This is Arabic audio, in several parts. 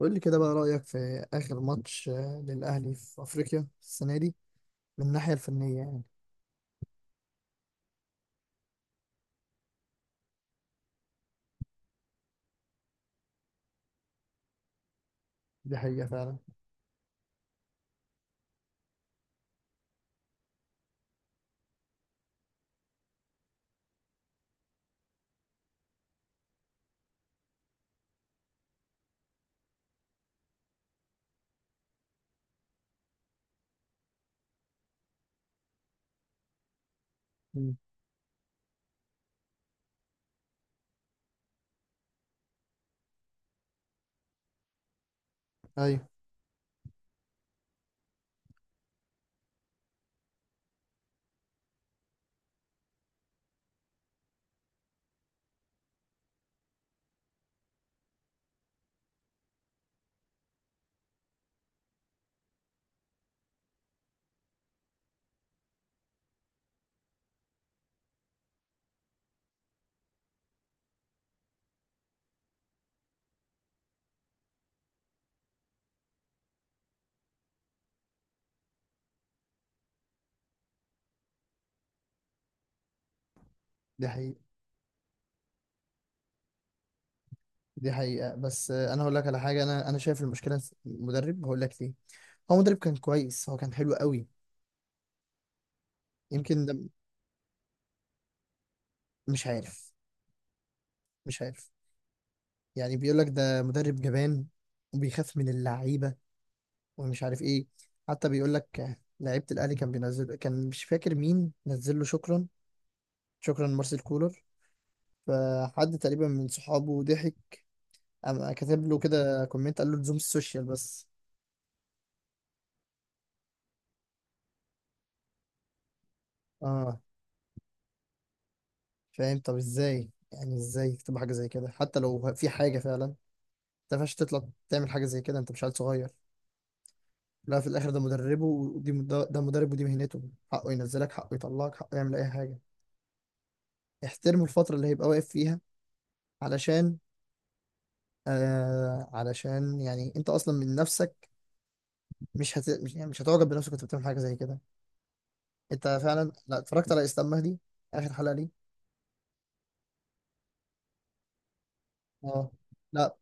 قول لي كده بقى رأيك في آخر ماتش للأهلي في أفريقيا السنة دي، من الناحية الفنية يعني. دي حقيقة فعلا. مم. أيوه. دي حقيقة. دي حقيقة بس أنا هقول لك على حاجة. أنا شايف المشكلة في المدرب، هقول لك ليه. هو مدرب كان كويس، هو كان حلو قوي. يمكن ده. مش عارف مش عارف. يعني بيقول لك ده مدرب جبان وبيخاف من اللعيبة ومش عارف إيه. حتى بيقول لك لعيبة الأهلي كان بينزل، كان مش فاكر مين نزل له: شكرا، شكرا مارسيل كولر. فحد تقريبا من صحابه ضحك، قام كاتب له كده كومنت، قال له لزوم السوشيال بس. اه. فاهم؟ طب ازاي، يعني ازاي يكتب حاجه زي كده؟ حتى لو في حاجه فعلا، انت ما ينفعش تطلع تعمل حاجه زي كده، انت مش عيل صغير. لا، في الاخر ده مدربه، ودي ده مدرب ودي مهنته. حقه ينزلك، حقه يطلعك، حقه يعمل اي حاجه. احترمه الفتره اللي هيبقى واقف فيها، علشان علشان يعني انت اصلا من نفسك مش هت... مش يعني مش هتعجب بنفسك وانت بتعمل حاجه زي كده. انت فعلا؟ لا، اتفرجت على اسلام مهدي. اخر حلقه ليه؟ اه، لا،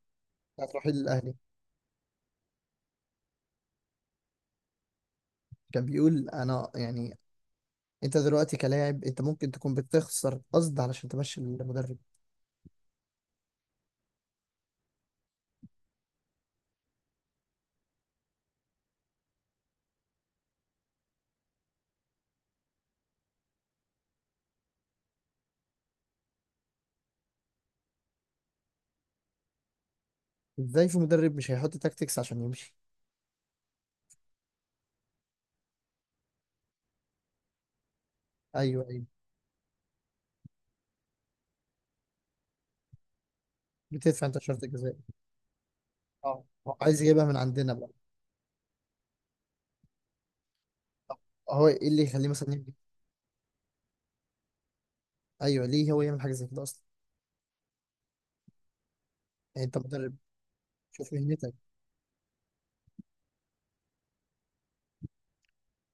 بتاعت رحيل الاهلي. كان بيقول: انا يعني، انت دلوقتي كلاعب، انت ممكن تكون بتخسر قصد علشان تمشي المدرب. ازاي في مدرب مش هيحط تاكتكس عشان يمشي؟ ايوه، ايوه. بتدفع انت شرط الجزاء. اه، هو عايز يجيبها من عندنا بقى. هو ايه اللي يخليه مثلا يمشي؟ ايوه، ليه هو يعمل حاجه زي كده اصلا؟ يعني انت مدرب، شوف مهنتك.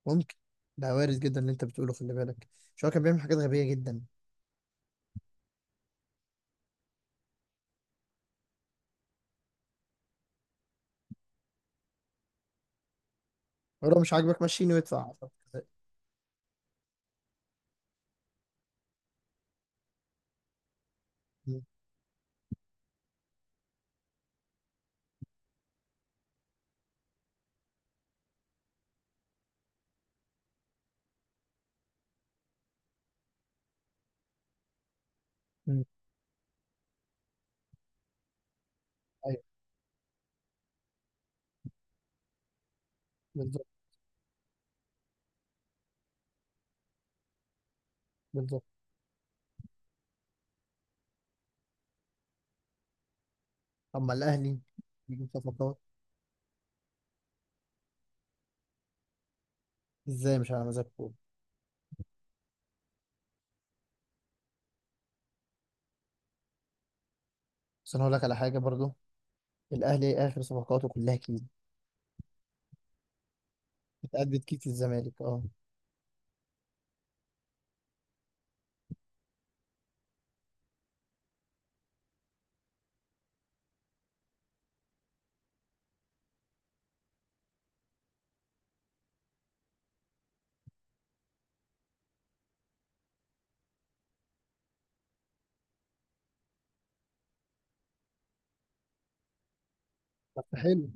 ممكن، ده وارد جدا اللي انت بتقوله، خلي بالك. شو؟ هو كان بيعمل حاجات غبيه جدا. هو لو مش عاجبك مشيني وادفع شرط جزاء. م. م. ايوه. بالظبط. بالظبط. طب ما الاهلي بيجيب صفقات. ازاي مش على مزاجكم؟ بس انا هقول لك على حاجه برضو، الاهلي اخر صفقاته كلها كيد. اتقدت كيد في الزمالك، اه. طب، حلو.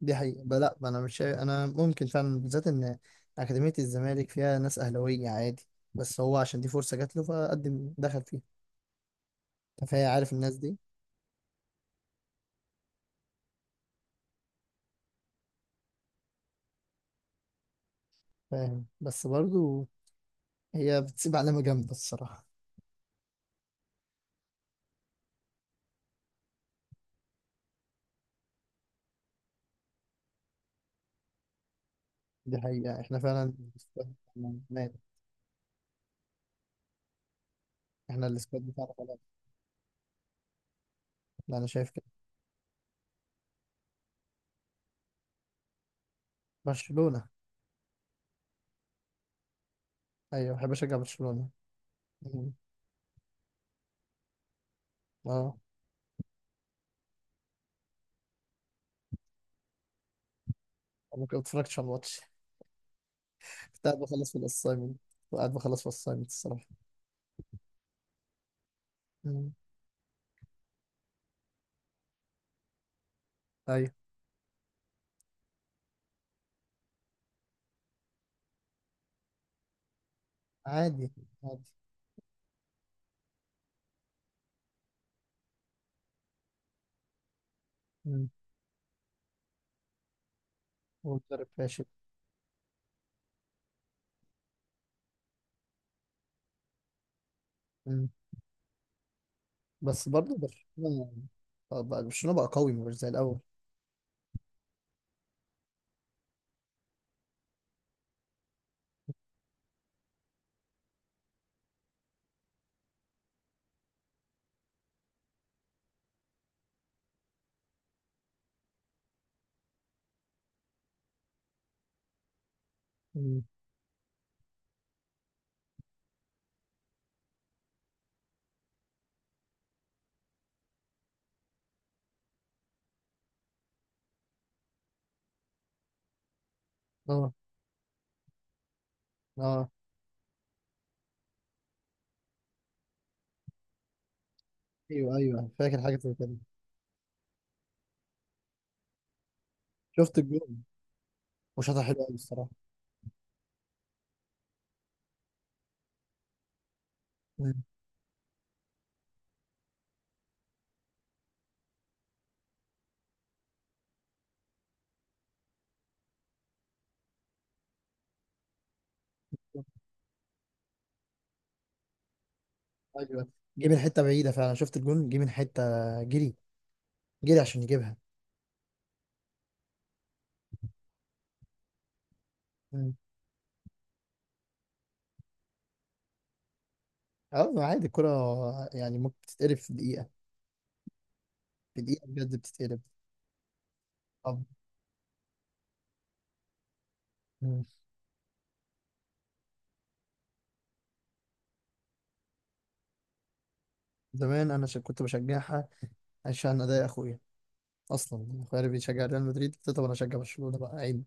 دي حقيقه بقى. لا، ما انا مش شايف، انا ممكن فعلا بالذات ان اكاديميه الزمالك فيها ناس اهلاويه عادي، بس هو عشان دي فرصه جات له فقدم دخل فيها. أنت فهي عارف الناس دي. فاهم، بس برضو هي بتسيب علامه جامده الصراحه. دي حقيقه، احنا فعلا السكواد بتاعنا مات. احنا السكواد بتاعنا خلاص. لا، انا شايف كده. برشلونه. ايوه، بحب اشجع برشلونه. مم. اه. انا كنت اتفرجتش على الماتش، كنت قاعد بخلص في الاسايمنت كنت قاعد بخلص في الاسايمنت الصراحه. مم. ايوه، عادي عادي. مم. هو مدرب فاشل. مم. بس برضه برشلونه بقى قوي مش زي الاول. مم. اه، اه. ايوه، ايوه، فاكر حاجه زي كده. شفت الجون، وشاطها حلو قوي الصراحه. مم. ايوه، جه من حته بعيده فعلا، شفت الجون جه من حته، جري جري عشان يجيبها. مم. اه، عادي الكرة، يعني ممكن تتقلب في دقيقة، في دقيقة بجد بتتقلب. آه. مم. زمان، انا كنت بشجعها عشان اضايق اخويا. اصلا اخويا اللي بيشجع ريال مدريد، قلت له: طب انا اشجع برشلونه، بقى عيب؟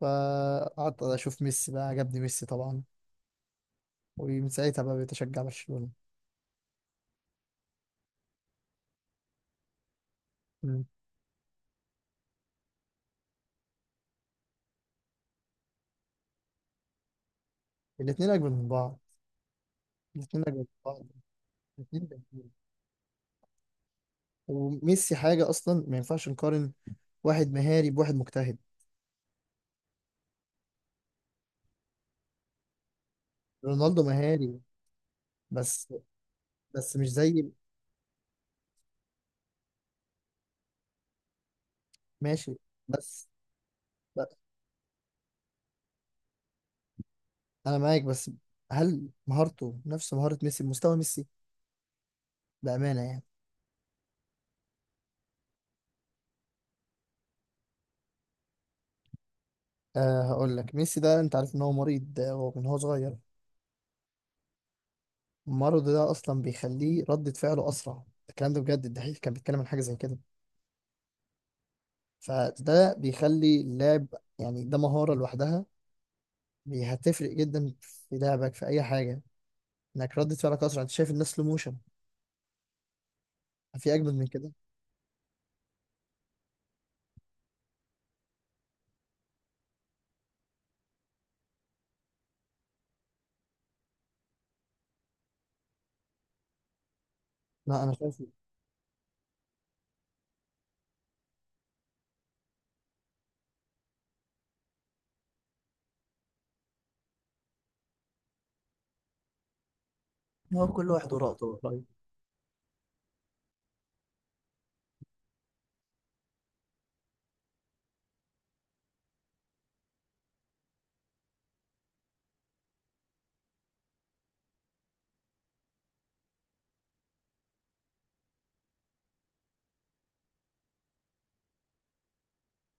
فقعدت اشوف ميسي، بقى عجبني ميسي طبعا، ومن ساعتها بقى بقيت اشجع برشلونه. مم. الاتنين اجمل من بعض. الاتنين اجمل من بعض. الاتنين جامدين. وميسي حاجه اصلا، ما ينفعش نقارن. واحد مهاري بواحد مجتهد. رونالدو مهاري بس. بس مش زي... ماشي. بس بس- انا معاك، بس هل مهارته نفس مهاره ميسي، بمستوى ميسي، بامانه يعني؟ أه، هقول لك ميسي ده انت عارف ان هو مريض من هو صغير. المرض ده اصلا بيخليه ردة فعله اسرع. الكلام ده بجد الدحيح كان بيتكلم عن حاجة زي كده. فده بيخلي اللاعب، يعني ده مهارة لوحدها. هتفرق جدا في لعبك، في اي حاجة. انك ردة فعلك اسرع، انت شايف الناس سلو موشن. في اجمد من كده؟ لا، انا شايف. هو كل واحد وراء طبعا. طيب.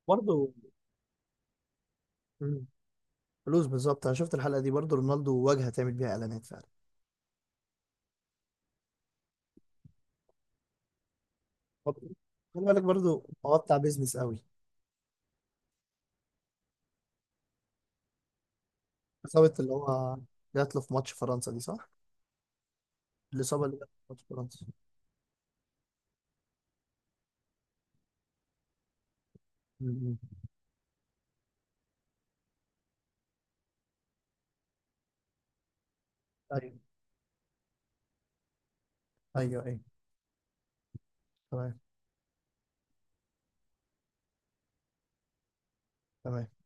برضه. مم. فلوس بالظبط، انا شفت الحلقه دي برضه، رونالدو واجهه تعمل بيها اعلانات فعلا. طب، خلي بالك برضه، هو بتاع بيزنس قوي. إصابة اللي هو جات له في ماتش فرنسا دي صح؟ الإصابة اللي جات له في ماتش فرنسا. م. أيوه، أيوه، أيوه. تمام، تمام.